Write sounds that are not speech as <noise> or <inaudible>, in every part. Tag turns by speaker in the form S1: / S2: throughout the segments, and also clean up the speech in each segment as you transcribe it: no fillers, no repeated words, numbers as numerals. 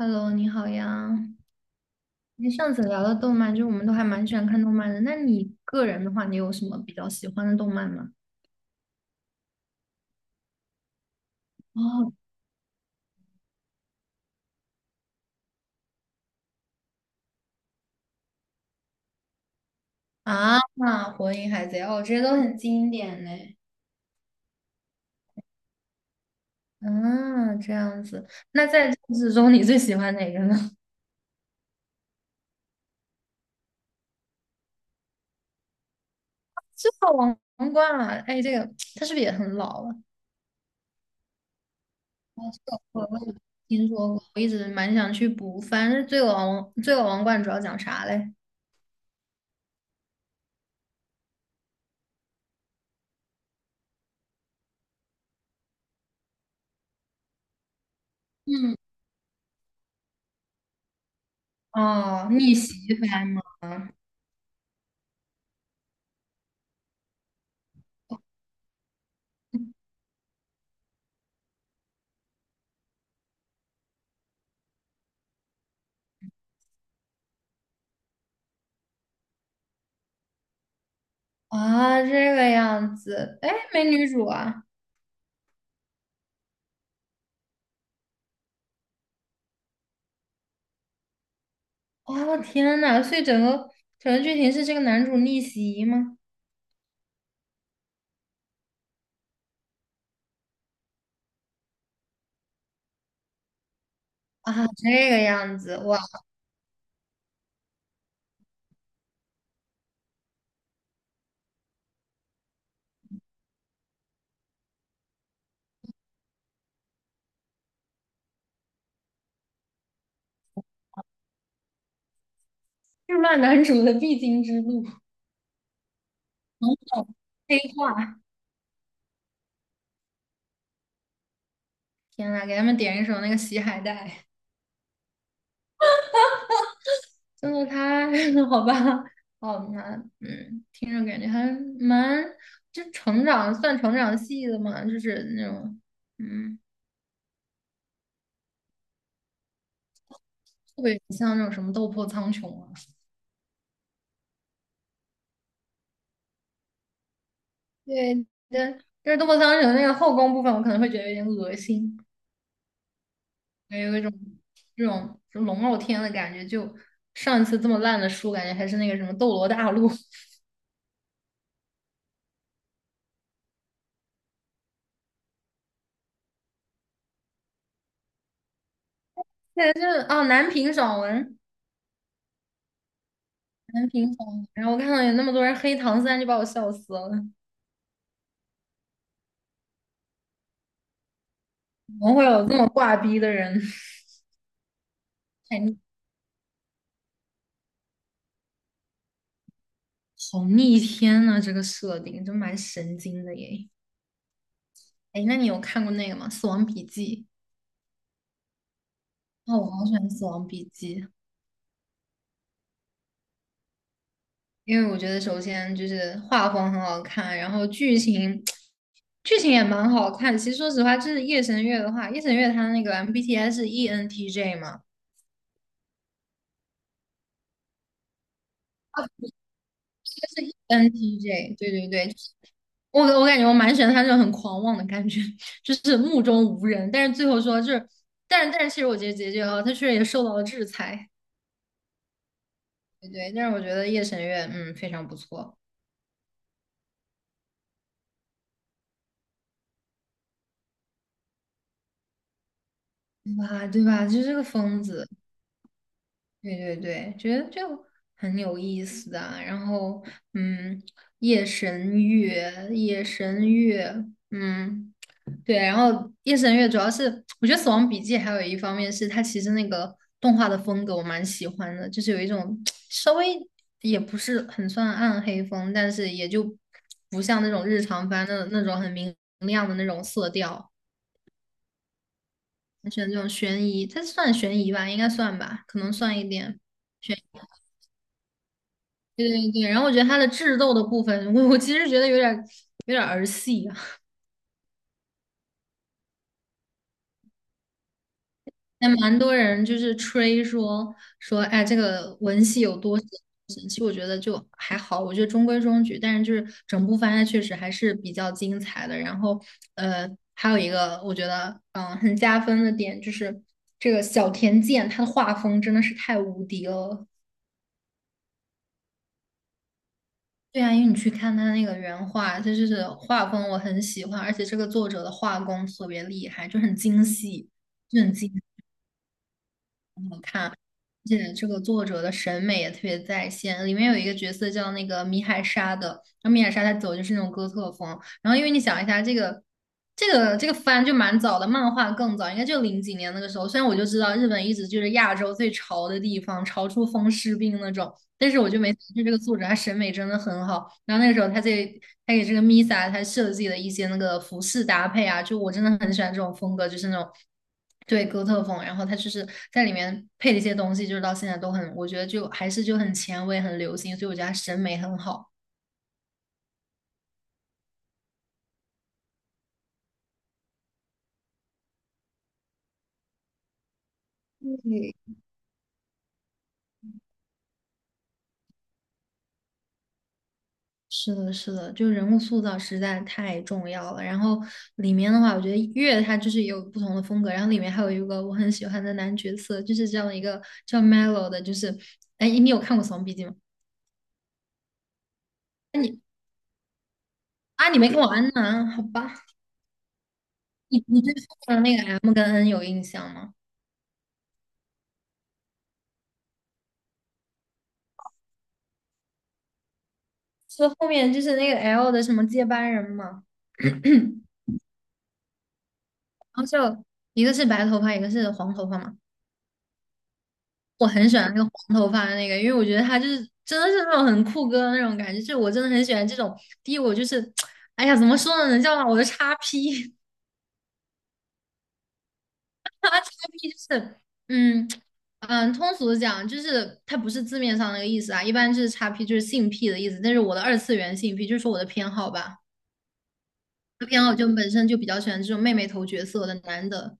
S1: Hello，你好呀。你上次聊的动漫，就是我们都还蛮喜欢看动漫的。那你个人的话，你有什么比较喜欢的动漫吗？哦。啊，那《火影》《海贼》哦，这些都很经典嘞。啊，这样子。那在这之中，你最喜欢哪个呢？<laughs> 这个王冠啊。哎，这个它是不是也很老了？哦，这个我有听说过，我一直蛮想去补。反正《罪恶王冠》主要讲啥嘞？嗯。哦，逆袭番吗？啊，这个样子，哎，没女主啊！哦，天呐，所以整个剧情是这个男主逆袭吗？啊，这个样子，哇，日漫男主的必经之路。嗯，黑化！天呐，给他们点一首那个《洗海带》，真的太 <laughs> 好吧？好难。那听着感觉还蛮，就成长算成长系的嘛，就是那种。嗯，特别像那种什么《斗破苍穹》啊。对，对，就是斗破苍穹》那个后宫部分，我可能会觉得有点恶心，也有一种这种就龙傲天的感觉。就上一次这么烂的书，感觉还是那个什么《斗罗大陆》。<laughs> 对，就是哦，南屏爽文。然后我看到有那么多人黑唐三，就把我笑死了。怎么会有这么挂逼的人？太逆好逆天呐、这个设定真蛮神经的耶。哎，那你有看过那个吗？《死亡笔记》。哦，我好喜欢《死亡笔记》。因为我觉得首先就是画风很好看，然后剧情也蛮好看。其实说实话，就是夜神月的话，夜神月它那个 MBTI 是 ENTJ 嘛，就是 ENTJ，对对对。我感觉我蛮喜欢他这种很狂妄的感觉，<laughs> 就是目中无人，但是最后说就是，但是其实我觉得结局哈，他确实也受到了制裁。对对，但是我觉得夜神月非常不错。对吧？对吧？就是这个疯子。对对对，觉得就很有意思的啊。然后，嗯，夜神月。嗯，对。然后夜神月主要是，我觉得《死亡笔记》还有一方面是它其实那个动画的风格我蛮喜欢的，就是有一种稍微也不是很算暗黑风，但是也就不像那种日常番的那种很明亮的那种色调，选这种悬疑，它算悬疑吧，应该算吧，可能算一点。悬。对对对，然后我觉得他的智斗的部分，我其实觉得有点儿戏啊。还蛮多人就是吹说，哎，这个文戏有多神。其实我觉得就还好，我觉得中规中矩，但是就是整部番它确实还是比较精彩的。然后呃，还有一个我觉得很加分的点就是这个小田健他的画风真的是太无敌了。对啊，因为你去看他那个原画，他就是画风我很喜欢，而且这个作者的画工特别厉害，就很精细，就很精细。而且这个作者的审美也特别在线。里面有一个角色叫那个米海沙的，然后米海沙他走的就是那种哥特风。然后因为你想一下，这个番就蛮早的，漫画更早，应该就零几年那个时候。虽然我就知道日本一直就是亚洲最潮的地方，潮出风湿病那种。但是我就没就这个作者他审美真的很好。然后那个时候他给这个 Misa 他设计的一些那个服饰搭配啊，就我真的很喜欢这种风格，就是那种对哥特风。然后他就是在里面配了一些东西，就是到现在都很，我觉得就还是就很前卫、很流行，所以我觉得他审美很好。是的，是的，就人物塑造实在太重要了。然后里面的话，我觉得月它就是有不同的风格，然后里面还有一个我很喜欢的男角色，就是这样一个叫 Melo 的，就是，哎，你有看过《死亡笔记》吗？你啊，你没跟我安呢？好吧，你对后面的那个 M 跟 N 有印象吗？是后面就是那个 L 的什么接班人嘛，<clears throat> 然后就一个是白头发，一个是黄头发嘛。我很喜欢那个黄头发的那个，因为我觉得他就是真的是那种很酷哥的那种感觉，就是我真的很喜欢这种。第一，我就是，<tsk> 哎呀，怎么说呢，能叫上我的叉 P。他叉 P 就是，嗯通俗的讲，就是它不是字面上那个意思啊，一般就是叉 P 就是性癖的意思，但是我的二次元性癖就是说我的偏好吧，我的偏好就本身就比较喜欢这种妹妹头角色的男的，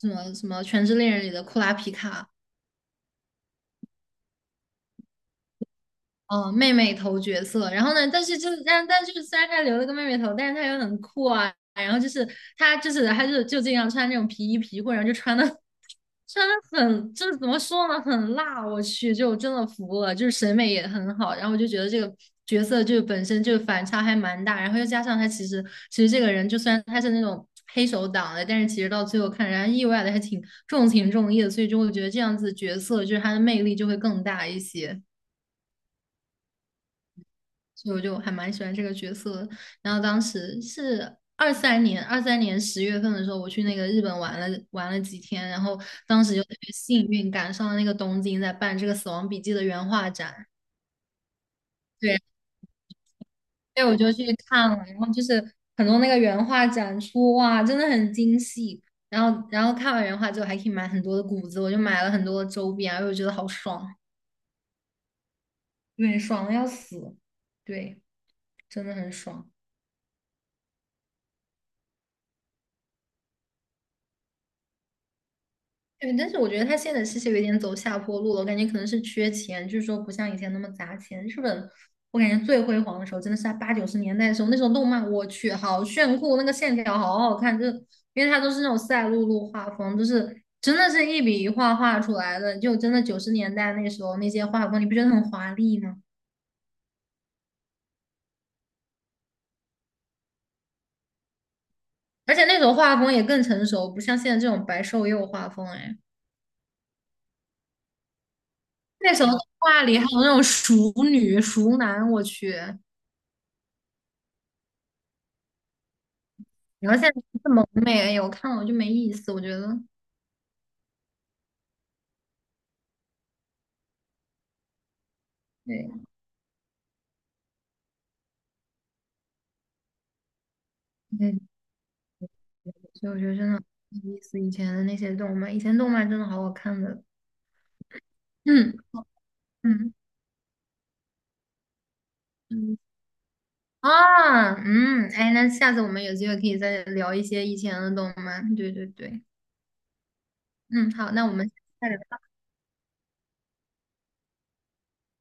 S1: 什么什么《全职猎人》里的库拉皮卡，嗯，妹妹头角色，然后呢，但是就是但就是虽然他留了个妹妹头，但是他又很酷啊，然后就是他经常穿那种皮衣皮裤，然后就穿的。真的很，就是怎么说呢，很辣，我去，就真的服了，就是审美也很好，然后我就觉得这个角色就本身就反差还蛮大，然后又加上他其实这个人就虽然他是那种黑手党的，但是其实到最后看人家意外的还挺重情重义的，所以就会觉得这样子角色就是他的魅力就会更大一些。所以我就还蛮喜欢这个角色的。然后当时是二三年10月份的时候，我去那个日本玩了几天，然后当时就特别幸运赶上了那个东京在办这个《死亡笔记》的原画展。对，所以我就去看了，然后就是很多那个原画展出，哇，真的很精细。然后看完原画之后，还可以买很多的谷子，我就买了很多的周边，然后我觉得好爽。对，爽的要死。对，真的很爽。对，但是我觉得他现在其实有点走下坡路了，我感觉可能是缺钱，就是说不像以前那么砸钱。日本，我感觉最辉煌的时候真的是在八九十年代的时候。那时候动漫我去好炫酷，那个线条好好看，就因为它都是那种赛璐璐画风，就是真的是一笔一画画出来的。就真的九十年代那时候那些画风，你不觉得很华丽吗？而且那时候画风也更成熟，不像现在这种白瘦幼画风。哎，那时候动画里还有那种熟女、熟男，我去。然后现在这么美，哎呀，我看了我就没意思，我觉得。对，对，所以我觉得真的没意思。以前的那些动漫，以前动漫真的好好看的。嗯嗯嗯，啊，嗯，哎，那下次我们有机会可以再聊一些以前的动漫。对对对。嗯，好，那我们下次再聊